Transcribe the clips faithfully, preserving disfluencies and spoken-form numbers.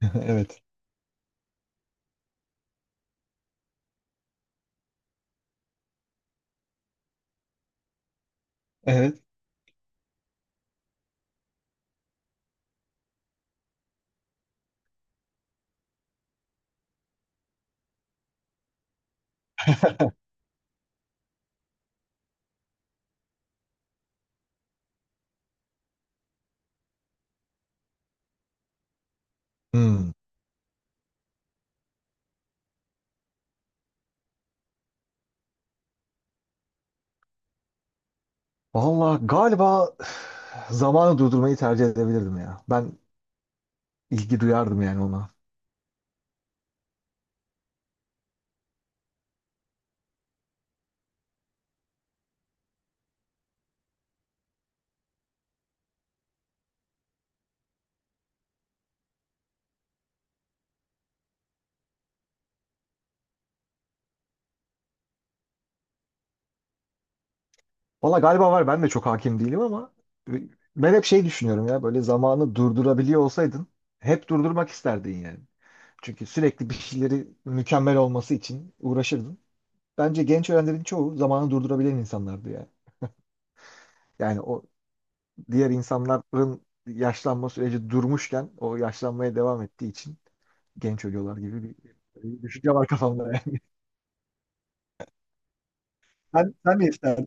Evet. Evet. Hmm. Valla galiba zamanı durdurmayı tercih edebilirdim ya. Ben ilgi duyardım yani ona. Valla galiba var, ben de çok hakim değilim ama ben hep şey düşünüyorum ya, böyle zamanı durdurabiliyor olsaydın hep durdurmak isterdin yani. Çünkü sürekli bir şeyleri mükemmel olması için uğraşırdın. Bence genç öğrencilerin çoğu zamanı durdurabilen insanlardı yani. Yani o diğer insanların yaşlanma süreci durmuşken o yaşlanmaya devam ettiği için genç ölüyorlar gibi bir, bir düşünce var kafamda yani. Sen, sen ne isterdin?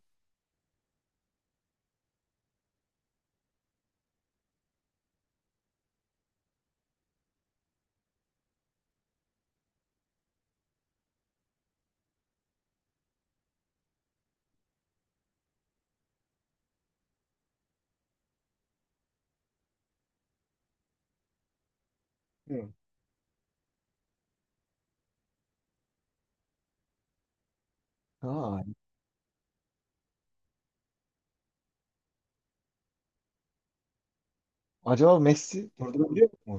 Bilmiyorum. Ha, acaba Messi durdurabiliyor mu?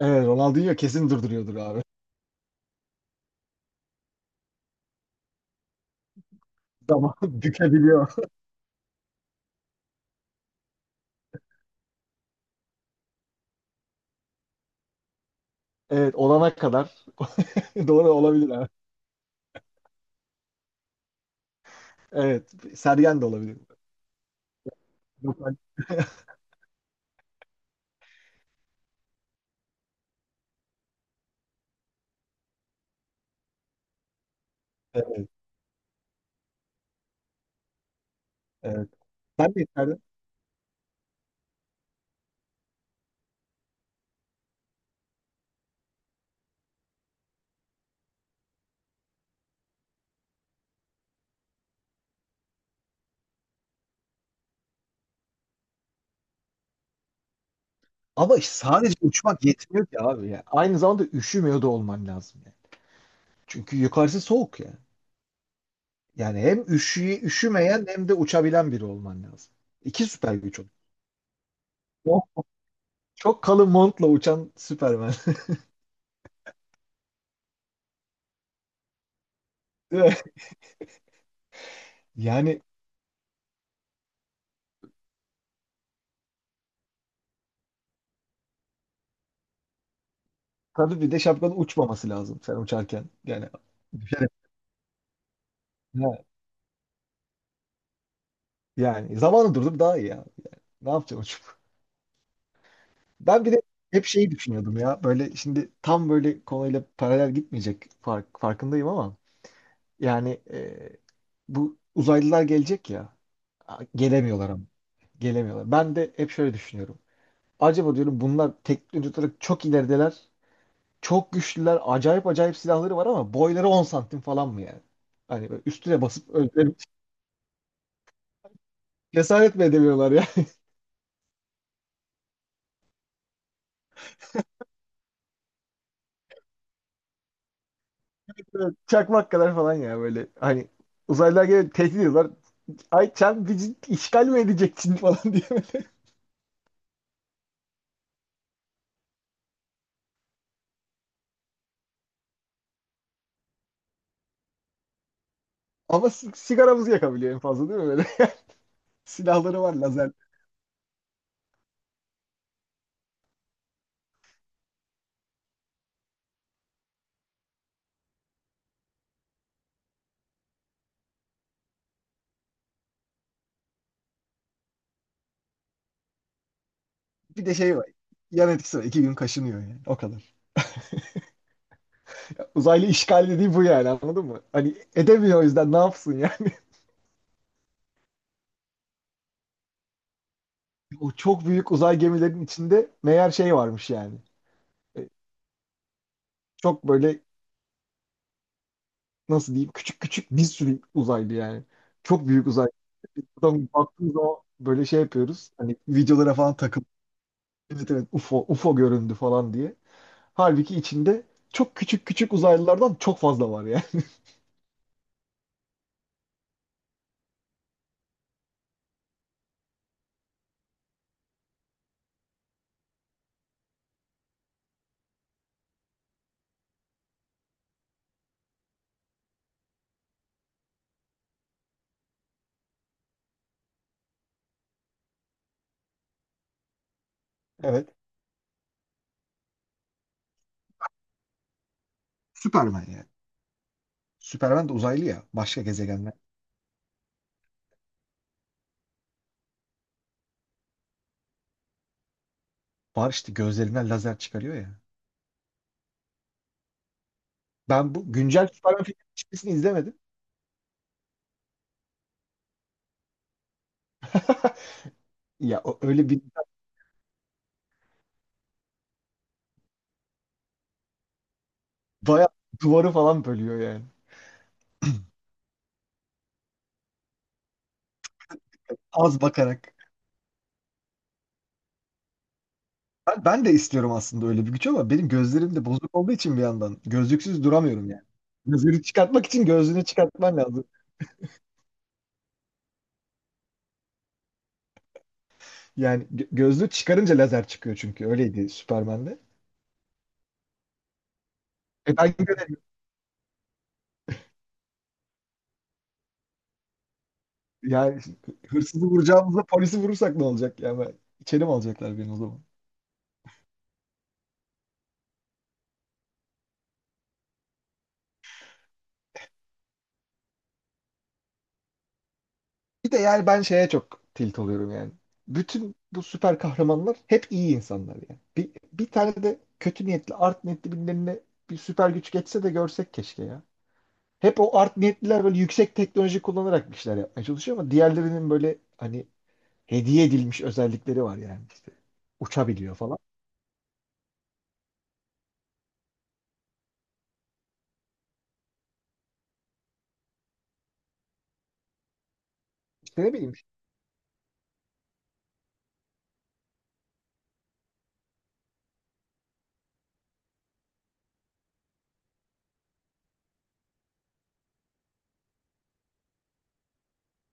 Evet, Ronaldinho kesin durduruyordur abi. Zaman bükebiliyor. Evet, olana kadar. Doğru olabilir abi. Evet, Sergen de olabilir. Yok, ben- evet, evet. Sen ne isterdin? Ama işte sadece uçmak yetmiyor ki abi ya. Aynı zamanda üşümüyor da olman lazım yani. Çünkü yukarısı soğuk ya. Yani hem üşü, üşümeyen hem de uçabilen biri olman lazım. İki süper güç olur. Çok kalın montla uçan Superman. Değil mi? Yani tabii bir de şapkanın uçmaması lazım sen uçarken. Yani düşerek. Ha, yani zamanı durdurup daha iyi ya. Ne yapacaksın uçup? Ben bir de hep şeyi düşünüyordum ya. Böyle şimdi tam böyle konuyla paralel gitmeyecek fark, farkındayım ama yani e, bu uzaylılar gelecek ya. A- Gelemiyorlar ama. Gelemiyorlar. Ben de hep şöyle düşünüyorum. Acaba diyorum, bunlar teknolojik olarak çok ilerideler. Çok güçlüler. Acayip acayip silahları var ama boyları on santim falan mı yani? Hani böyle üstüne basıp öldürelim. Cesaret mi edemiyorlar ya? Böyle çakmak kadar falan ya böyle. Hani uzaylılar gelip tehdit ediyorlar. Ay, sen bizi işgal mi edeceksin falan diye böyle. Ama si- sigaramızı yakabiliyor en fazla, değil mi böyle? Silahları var, lazer. Bir de şey var. Yan etkisi var. İki gün kaşınıyor yani. O kadar. Uzaylı işgal dediği bu yani, anladın mı? Hani edemiyor, o yüzden ne yapsın yani? O çok büyük uzay gemilerinin içinde meğer şey varmış yani. Çok böyle, nasıl diyeyim, küçük küçük bir sürü uzaylı yani. Çok büyük uzaylı. Biz buradan baktığımız zaman böyle şey yapıyoruz. Hani videolara falan takıp evet evet U F O U F O göründü falan diye. Halbuki içinde çok küçük küçük uzaylılardan çok fazla var yani. Evet. Süperman yani. Süperman de uzaylı ya. Başka gezegenler. Var işte, gözlerinden lazer çıkarıyor ya. Ben bu güncel Superman filminin hiçbirisini izlemedim. Ya o- öyle bir bayağı duvarı falan bölüyor yani. Az bakarak. Ben, ben de istiyorum aslında öyle bir güç ama benim gözlerim de bozuk olduğu için bir yandan gözlüksüz duramıyorum yani. Lazeri çıkartmak için gözlüğünü çıkartman lazım. Yani gö- gözlüğü çıkarınca lazer çıkıyor çünkü öyleydi Superman'de. E ben göremiyorum. Yani hırsızı vuracağımızda polisi vurursak ne olacak? Yani ben, içeri mi alacaklar beni o zaman? Bir de yani ben şeye çok tilt oluyorum yani. Bütün bu süper kahramanlar hep iyi insanlar yani. Bir, bir tane de kötü niyetli, art niyetli birilerine bir süper güç geçse de görsek keşke ya. Hep o art niyetliler böyle yüksek teknoloji kullanarak bir şeyler yapmaya çalışıyor ama diğerlerinin böyle hani hediye edilmiş özellikleri var yani işte. Uçabiliyor falan. İşte ne bileyim.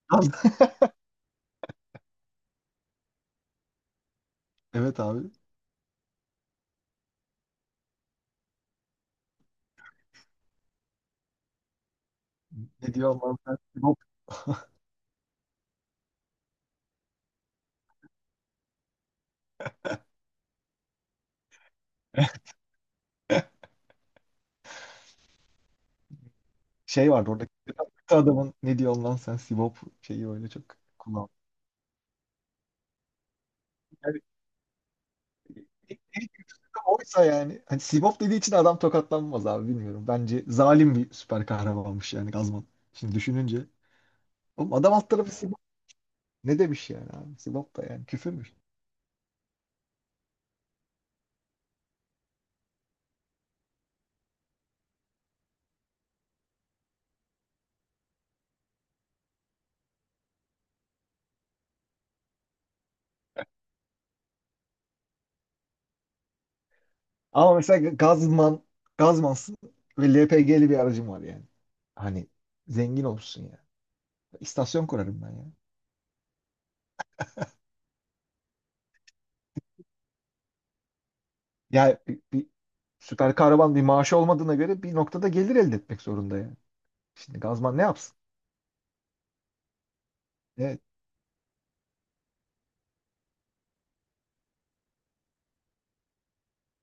Evet abi. Ne diyor lan sen Sibop, şey vardı orada. Adamın "ne diyor lan sen Sibop" şeyi öyle çok kullandı. Yani en en kötüsü de oysa yani. Hani Sibop dediği için adam tokatlanmaz abi, bilmiyorum. Bence zalim bir süper kahramanmış yani Gazman. Şimdi düşününce. Oğlum adam alt tarafı Sibop. Ne demiş yani abi? Sibop da yani küfürmüş. Ama mesela Gazman, Gazmansın ve L P G'li bir aracım var yani. Hani zengin olmuşsun ya. İstasyon kurarım ben ya. Ya bir, bir süper kahraman bir maaşı olmadığına göre bir noktada gelir elde etmek zorunda yani. Şimdi Gazman ne yapsın? Evet.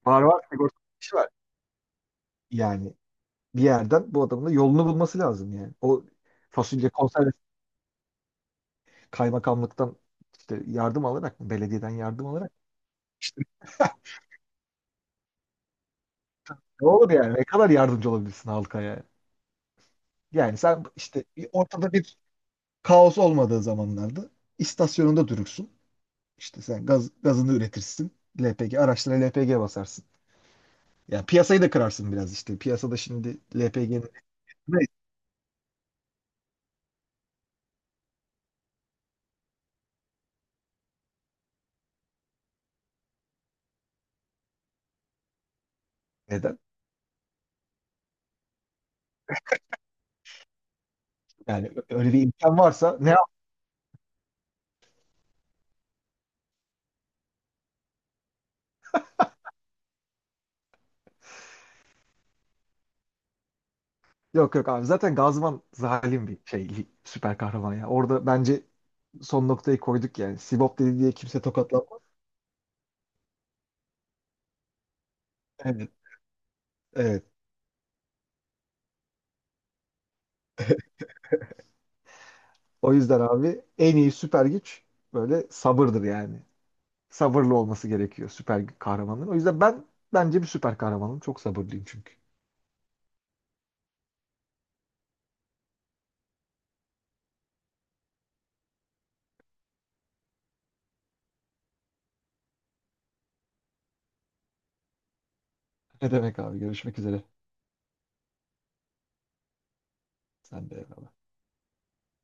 Var var, sigorta işi var. Yani bir yerden bu adamın da yolunu bulması lazım yani. O fasulye konserve, kaymakamlıktan işte yardım alarak mı? Belediyeden yardım alarak mı? İşte ne olur yani? Ne kadar yardımcı olabilirsin halka ya? Yani sen işte bir ortada bir kaos olmadığı zamanlarda istasyonunda durursun. İşte sen gaz, gazını üretirsin. L P G araçlara L P G basarsın. Yani piyasayı da kırarsın biraz işte. Piyasada şimdi L P G'nin neden? Yani öyle bir imkan varsa ne yap? Yok yok abi, zaten Gazman zalim bir şey, süper kahraman ya. Orada bence son noktayı koyduk yani. Sibop dedi diye kimse tokatlanmaz. Evet. Evet. O yüzden abi en iyi süper güç böyle sabırdır yani. Sabırlı olması gerekiyor süper kahramanların. O yüzden ben bence bir süper kahramanım. Çok sabırlıyım çünkü. Ne demek abi, görüşmek üzere. Sen de eyvallah.